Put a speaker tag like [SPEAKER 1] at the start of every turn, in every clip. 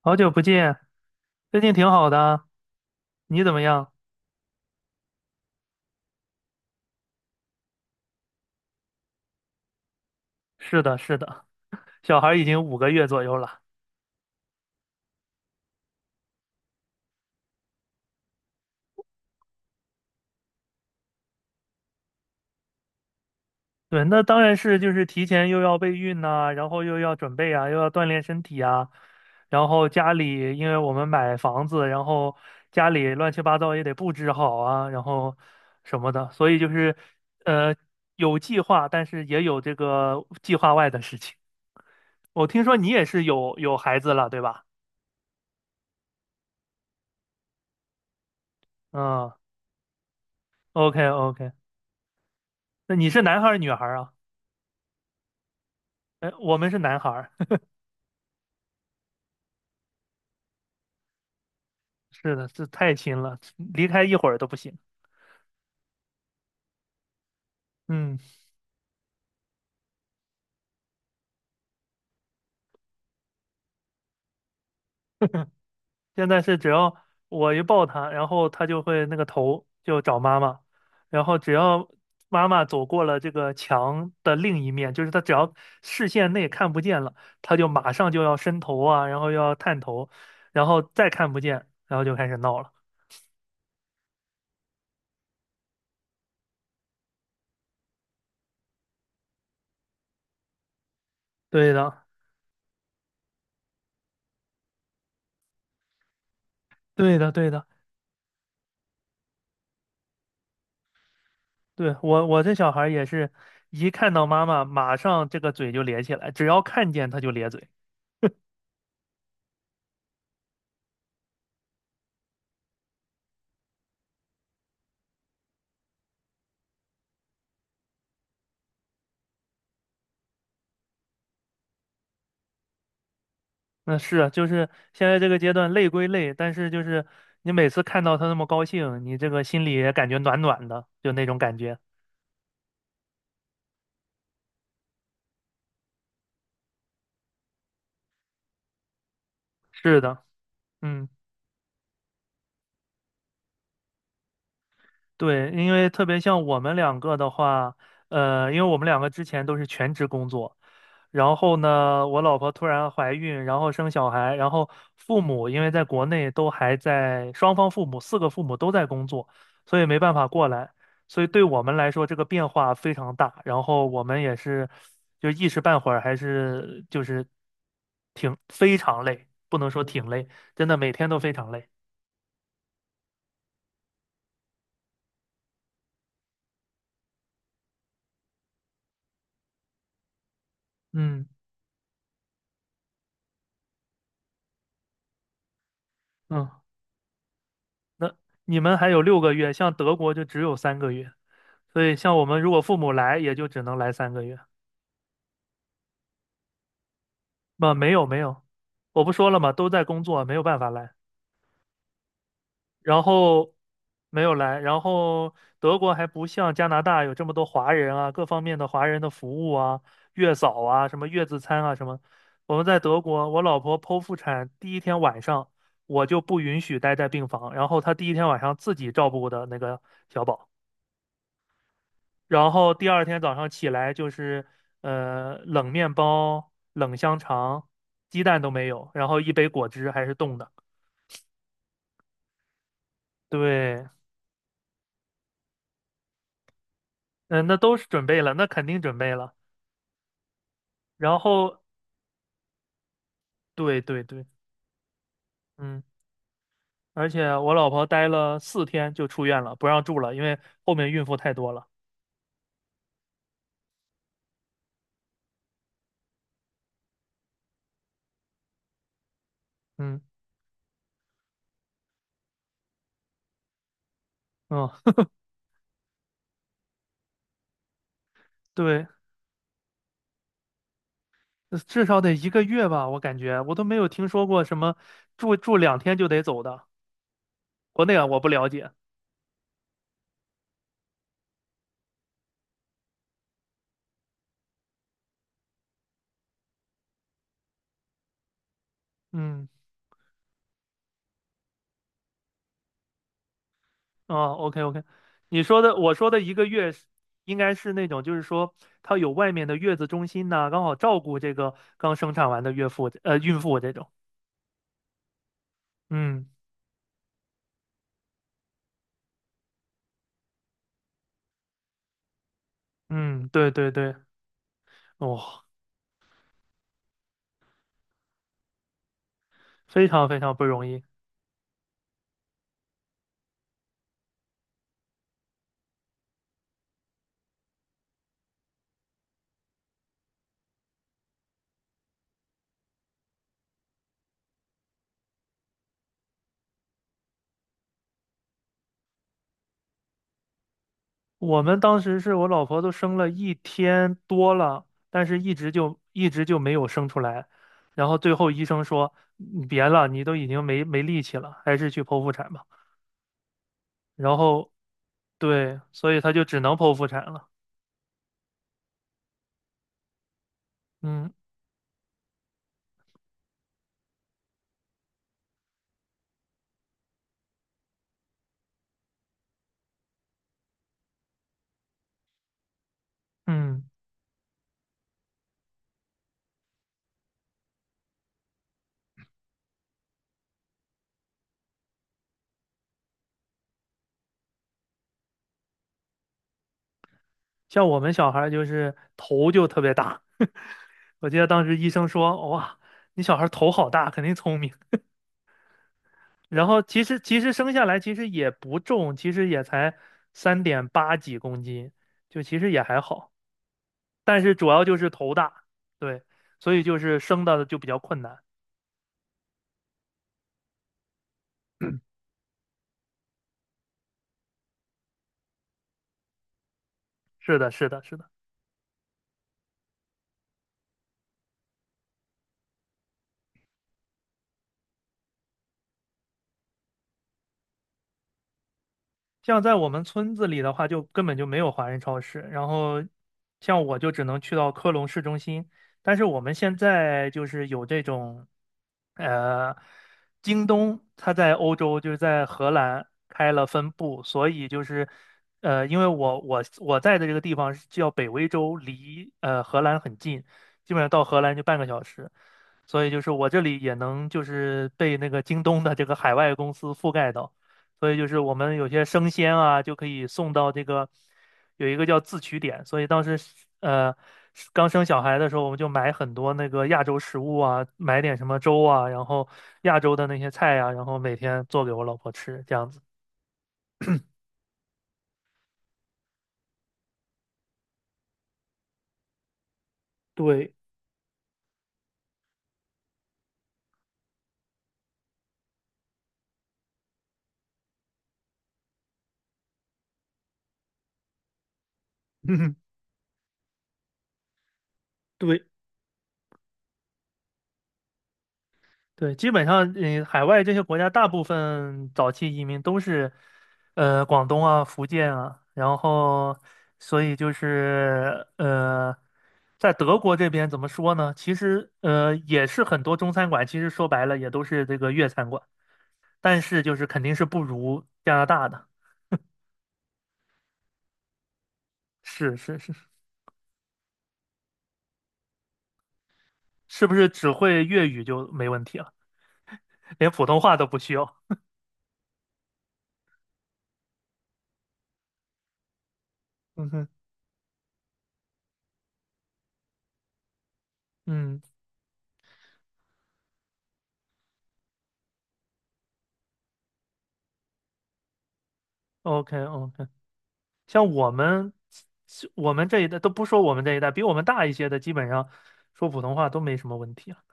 [SPEAKER 1] 好久不见，最近挺好的啊。你怎么样？是的，是的，小孩已经5个月左右了。对，那当然是就是提前又要备孕呐、然后又要准备啊，又要锻炼身体啊，然后家里因为我们买房子，然后家里乱七八糟也得布置好啊，然后什么的，所以就是呃有计划，但是也有这个计划外的事情。我听说你也是有孩子了，对吧？嗯，OK OK，那你是男孩儿女孩儿啊？我们是男孩儿。是的，是太亲了，离开一会儿都不行。嗯。现在是只要我一抱他，然后他就会那个头就找妈妈，然后只要妈妈走过了这个墙的另一面，就是他只要视线内看不见了，他就马上就要伸头啊，然后又要探头，然后再看不见，然后就开始闹了。对的，对的，对的。对，我这小孩儿也是一看到妈妈，马上这个嘴就咧起来，只要看见他就咧嘴。那是啊，就是现在这个阶段累归累，但是就是你每次看到他那么高兴，你这个心里也感觉暖暖的，就那种感觉。是的，嗯。对，因为特别像我们两个的话，因为我们两个之前都是全职工作，然后呢，我老婆突然怀孕，然后生小孩，然后父母因为在国内都还在，双方父母四个父母都在工作，所以没办法过来，所以对我们来说这个变化非常大，然后我们也是就一时半会儿还是就是挺非常累，不能说挺累，真的每天都非常累。嗯嗯。那你们还有6个月，像德国就只有三个月，所以像我们如果父母来，也就只能来三个月。不，没有没有，我不说了嘛，都在工作，没有办法来。然后没有来，然后德国还不像加拿大有这么多华人啊，各方面的华人的服务啊，月嫂啊，什么月子餐啊，什么。我们在德国，我老婆剖腹产第一天晚上，我就不允许待在病房，然后她第一天晚上自己照顾的那个小宝。然后第二天早上起来就是冷面包、冷香肠，鸡蛋都没有，然后一杯果汁还是冻的。对，嗯、那都是准备了，那肯定准备了。然后对对对，嗯，而且我老婆待了4天就出院了，不让住了，因为后面孕妇太多了。嗯嗯。对，至少得一个月吧，我感觉我都没有听说过什么住2天就得走的，国内啊我不了解。嗯。哦，OK OK，你说的我说的一个月是应该是那种，就是说它有外面的月子中心呐、刚好照顾这个刚生产完的孕妇这种。嗯嗯，对对对。哦，非常非常不容易。我们当时是我老婆都生了一天多了，但是一直就没有生出来，然后最后医生说你别了，你都已经没力气了，还是去剖腹产吧。然后对，所以她就只能剖腹产了。嗯，嗯，像我们小孩儿就是头就特别大，我记得当时医生说，哇，你小孩儿头好大，肯定聪明。然后其实生下来其实也不重，其实也才3.8几公斤，就其实也还好。但是主要就是头大，对，所以就是生的就比较困难。是的，是的，是的。像在我们村子里的话，就根本就没有华人超市。然后，像我就只能去到科隆市中心。但是我们现在就是有这种，呃，京东它在欧洲就是在荷兰开了分部，所以就是，因为我在的这个地方是叫北威州，离荷兰很近，基本上到荷兰就半个小时。所以就是我这里也能就是被那个京东的这个海外公司覆盖到。所以就是我们有些生鲜啊，就可以送到这个有一个叫自取点，所以当时呃刚生小孩的时候，我们就买很多那个亚洲食物啊，买点什么粥啊，然后亚洲的那些菜啊，然后每天做给我老婆吃，这样子。对，对，对，基本上，嗯，海外这些国家大部分早期移民都是，广东啊、福建啊，然后，所以就是，在德国这边怎么说呢？其实，也是很多中餐馆，其实说白了也都是这个粤餐馆，但是就是肯定是不如加拿大的。是是是，是不是只会粤语就没问题了？连普通话都不需要？嗯哼，嗯，OK OK。像我们这一代都不说我们这一代，比我们大一些的，基本上说普通话都没什么问题啊。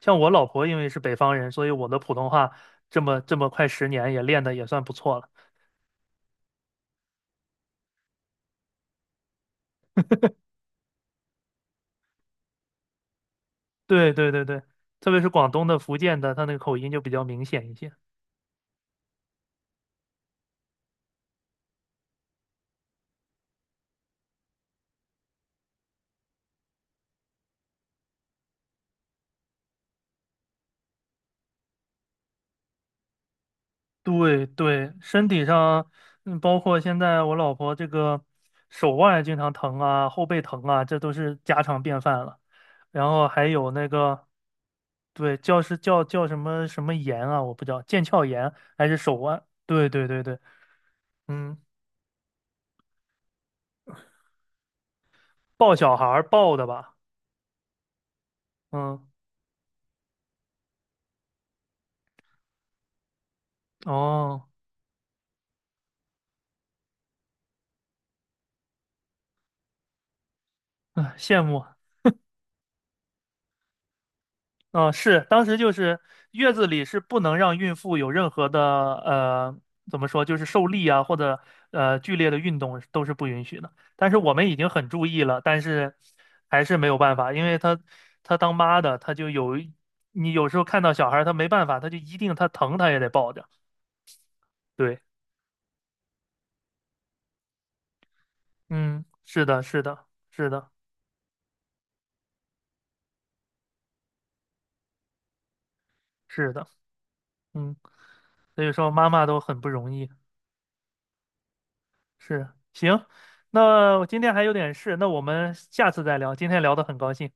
[SPEAKER 1] 像我老婆因为是北方人，所以我的普通话这么这么快10年也练的也算不错了。对对对对，特别是广东的、福建的，他那个口音就比较明显一些。对对，身体上，嗯，包括现在我老婆这个手腕经常疼啊，后背疼啊，这都是家常便饭了。然后还有那个，对，叫是叫什么什么炎啊，我不知道，腱鞘炎还是手腕？对对对对，嗯，抱小孩儿抱的吧？嗯，哦，唉羡慕。嗯，是，当时就是月子里是不能让孕妇有任何的呃，怎么说，就是受力啊，或者剧烈的运动都是不允许的。但是我们已经很注意了，但是还是没有办法，因为她当妈的，她就有你有时候看到小孩儿，她没办法，她就一定她疼，她也得抱着。对，嗯，是的，是的，是的，是的，嗯，所以说妈妈都很不容易。是，行，那我今天还有点事，那我们下次再聊。今天聊得很高兴。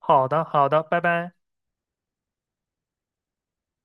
[SPEAKER 1] 好的，好的，拜拜。